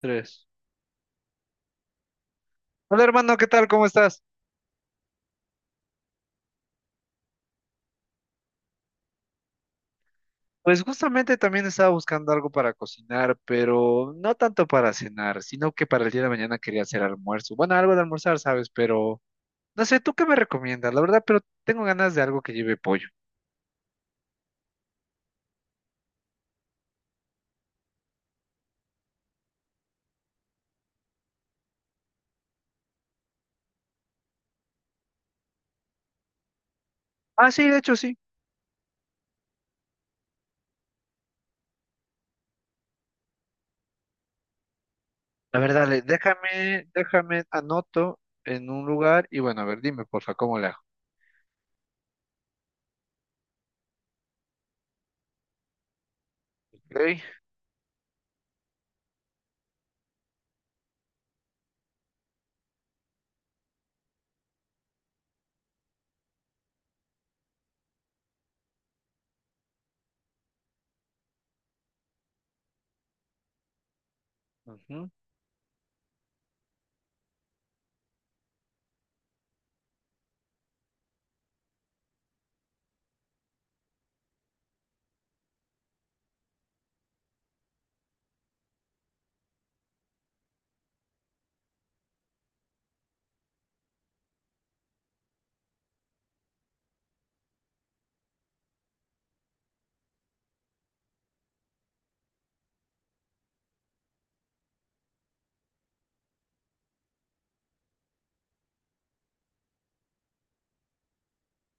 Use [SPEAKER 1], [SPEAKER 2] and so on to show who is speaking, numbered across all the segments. [SPEAKER 1] Tres. Hola hermano, ¿qué tal? ¿Cómo estás? Pues justamente también estaba buscando algo para cocinar, pero no tanto para cenar, sino que para el día de mañana quería hacer almuerzo. Bueno, algo de almorzar, ¿sabes? Pero no sé, ¿tú qué me recomiendas? La verdad, pero tengo ganas de algo que lleve pollo. Ah, sí, de hecho sí. La verdad, déjame, déjame, anoto en un lugar y bueno, a ver, dime porfa, ¿cómo le hago? Ok. Ujú.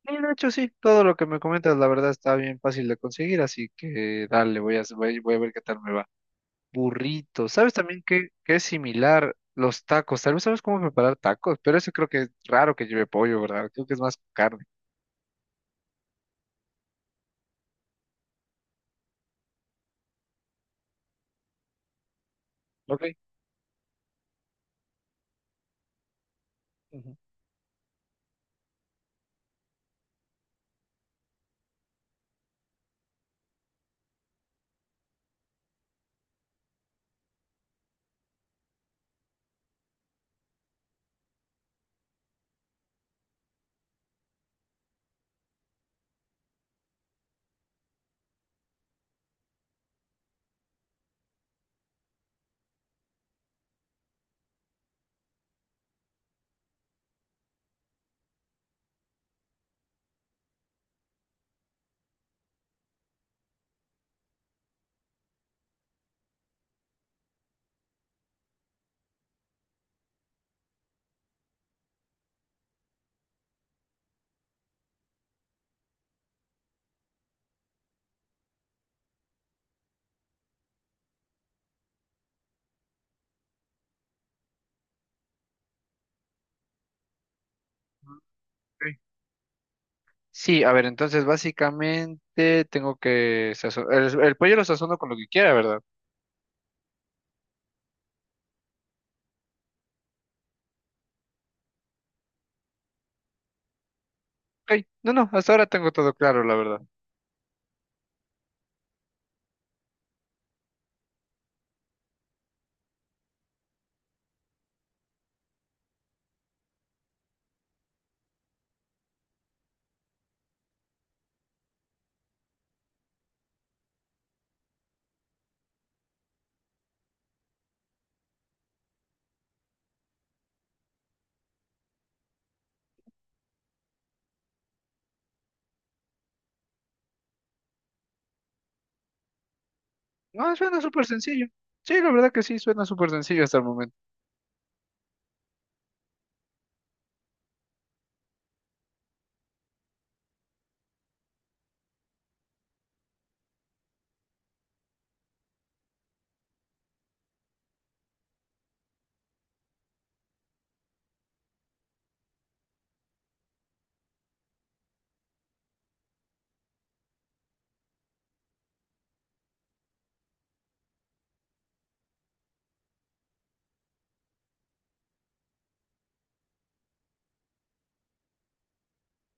[SPEAKER 1] Sí, de hecho sí, todo lo que me comentas, la verdad, está bien fácil de conseguir, así que dale, voy a ver qué tal me va. Burritos. ¿Sabes también qué es similar? Los tacos. Tal vez sabes cómo preparar tacos, pero eso creo que es raro que lleve pollo, ¿verdad? Creo que es más carne. Ok. Ujú. Ok. Sí, a ver, entonces básicamente tengo que sazonar. El pollo lo sazono con lo que quiera, ¿verdad? Ok. No, no, hasta ahora tengo todo claro, la verdad. No, suena súper sencillo. Sí, la verdad que sí, suena súper sencillo hasta el momento.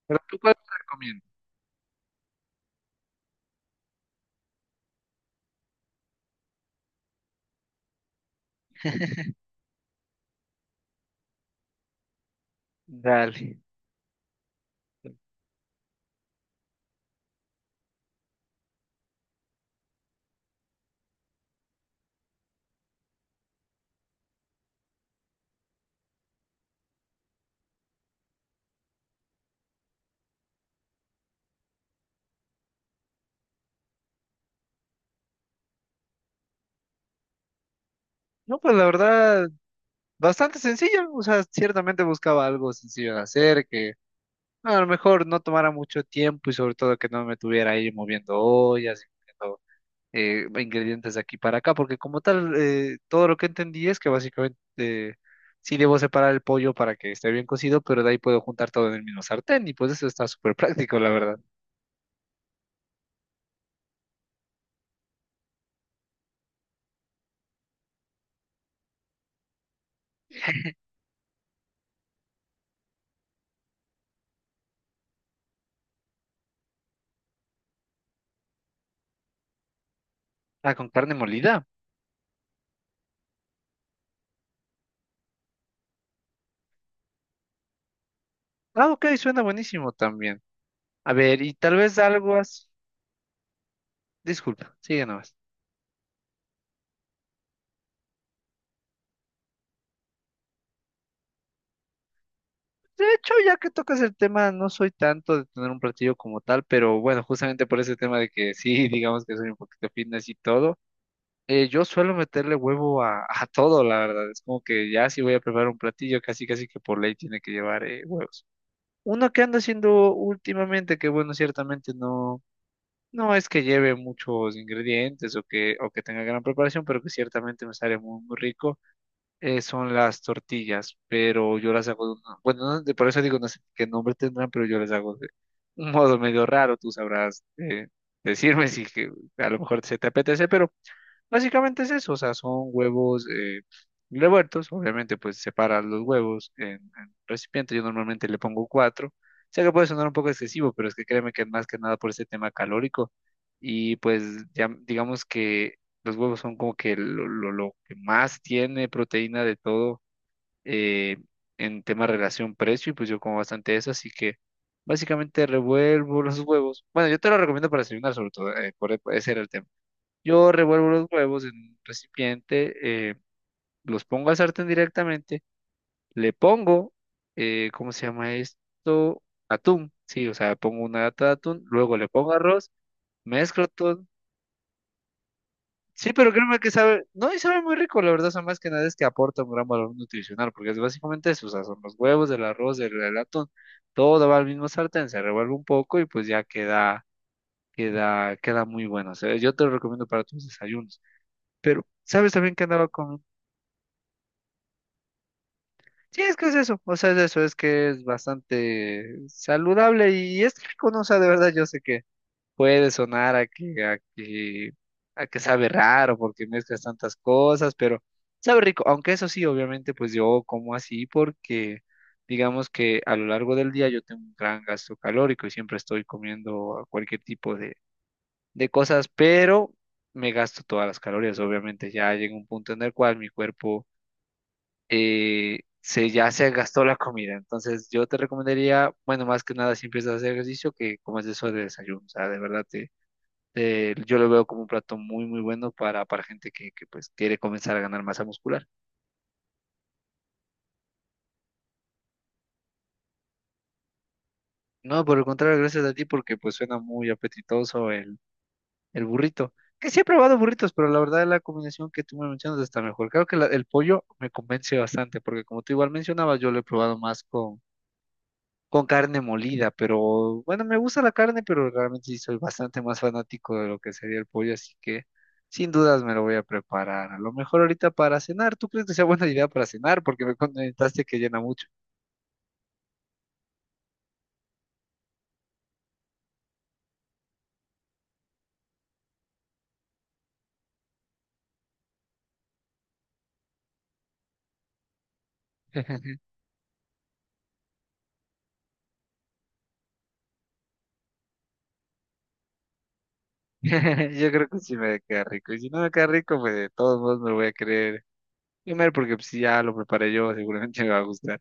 [SPEAKER 1] ¿Pero tú cuál te recomiendas? Dale. No, pues la verdad, bastante sencillo. O sea, ciertamente buscaba algo sencillo de hacer, que a lo mejor no tomara mucho tiempo y sobre todo que no me tuviera ahí moviendo ollas, moviendo, ingredientes de aquí para acá, porque como tal, todo lo que entendí es que básicamente sí debo separar el pollo para que esté bien cocido, pero de ahí puedo juntar todo en el mismo sartén y pues eso está súper práctico, la verdad. Ah, con carne molida. Ah, ok, suena buenísimo también. A ver, y tal vez algo así. Disculpa, sigue nomás. De hecho, ya que tocas el tema, no soy tanto de tener un platillo como tal, pero bueno, justamente por ese tema de que sí, digamos que soy un poquito fitness y todo, yo suelo meterle huevo a todo, la verdad. Es como que ya si voy a preparar un platillo, casi casi que por ley tiene que llevar huevos. Uno que anda haciendo últimamente, que bueno, ciertamente no, no es que lleve muchos ingredientes o que tenga gran preparación, pero que ciertamente me sale muy, muy rico, son las tortillas, pero yo las hago de por eso digo, no sé qué nombre tendrán, pero yo las hago de un modo medio raro. Tú sabrás, decirme si que a lo mejor se te apetece, pero básicamente es eso. O sea, son huevos, revueltos, obviamente pues separas los huevos en recipiente, yo normalmente le pongo cuatro. Sé que puede sonar un poco excesivo, pero es que créeme que es más que nada por ese tema calórico, y pues ya digamos que los huevos son como que lo que más tiene proteína de todo, eh, en tema relación precio, y pues yo como bastante eso, así que básicamente revuelvo los huevos. Bueno, yo te lo recomiendo para desayunar sobre todo. Ese era el tema. Yo revuelvo los huevos en un recipiente, los pongo al sartén directamente, le pongo, ¿cómo se llama esto? Atún, sí, o sea, pongo una lata de atún, luego le pongo arroz, mezclo todo. Sí, pero créeme que sabe, no, y sabe muy rico, la verdad. O sea, más que nada es que aporta un gran valor nutricional, porque es básicamente eso. O sea, son los huevos, el arroz, el atún, todo va al mismo sartén, se revuelve un poco y pues ya queda muy bueno. O sea, yo te lo recomiendo para tus desayunos. Pero, ¿sabes también que andaba con? Sí, es que es eso. O sea, es eso, es que es bastante saludable y es rico, ¿no? O sea, de verdad yo sé que puede sonar a que, a que, a que sabe raro porque mezclas tantas cosas, pero sabe rico. Aunque eso sí, obviamente, pues yo como así porque digamos que a lo largo del día yo tengo un gran gasto calórico y siempre estoy comiendo cualquier tipo de cosas, pero me gasto todas las calorías. Obviamente ya llega un punto en el cual mi cuerpo, ya se gastó la comida. Entonces yo te recomendaría, bueno, más que nada si empiezas a hacer ejercicio, que comas eso de desayuno. O sea, de verdad yo lo veo como un plato muy, muy bueno para gente que pues quiere comenzar a ganar masa muscular. No, por el contrario, gracias a ti porque pues suena muy apetitoso el burrito. Que sí he probado burritos, pero la verdad la combinación que tú me mencionas está mejor. Creo que el pollo me convence bastante, porque como tú igual mencionabas, yo lo he probado más con carne molida. Pero bueno, me gusta la carne, pero realmente sí soy bastante más fanático de lo que sería el pollo, así que sin dudas me lo voy a preparar. A lo mejor ahorita para cenar. ¿Tú crees que sea buena idea para cenar? Porque me comentaste que llena mucho. Yo creo que sí me queda rico, y si no me queda rico, pues de todos modos me lo voy a querer comer, porque pues, si ya lo preparé yo, seguramente me va a gustar.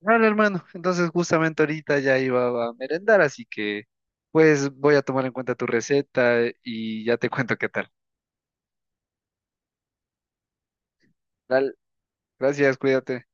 [SPEAKER 1] Vale, hermano, entonces justamente ahorita ya iba a merendar, así que pues voy a tomar en cuenta tu receta y ya te cuento qué tal. Dale. Gracias, cuídate.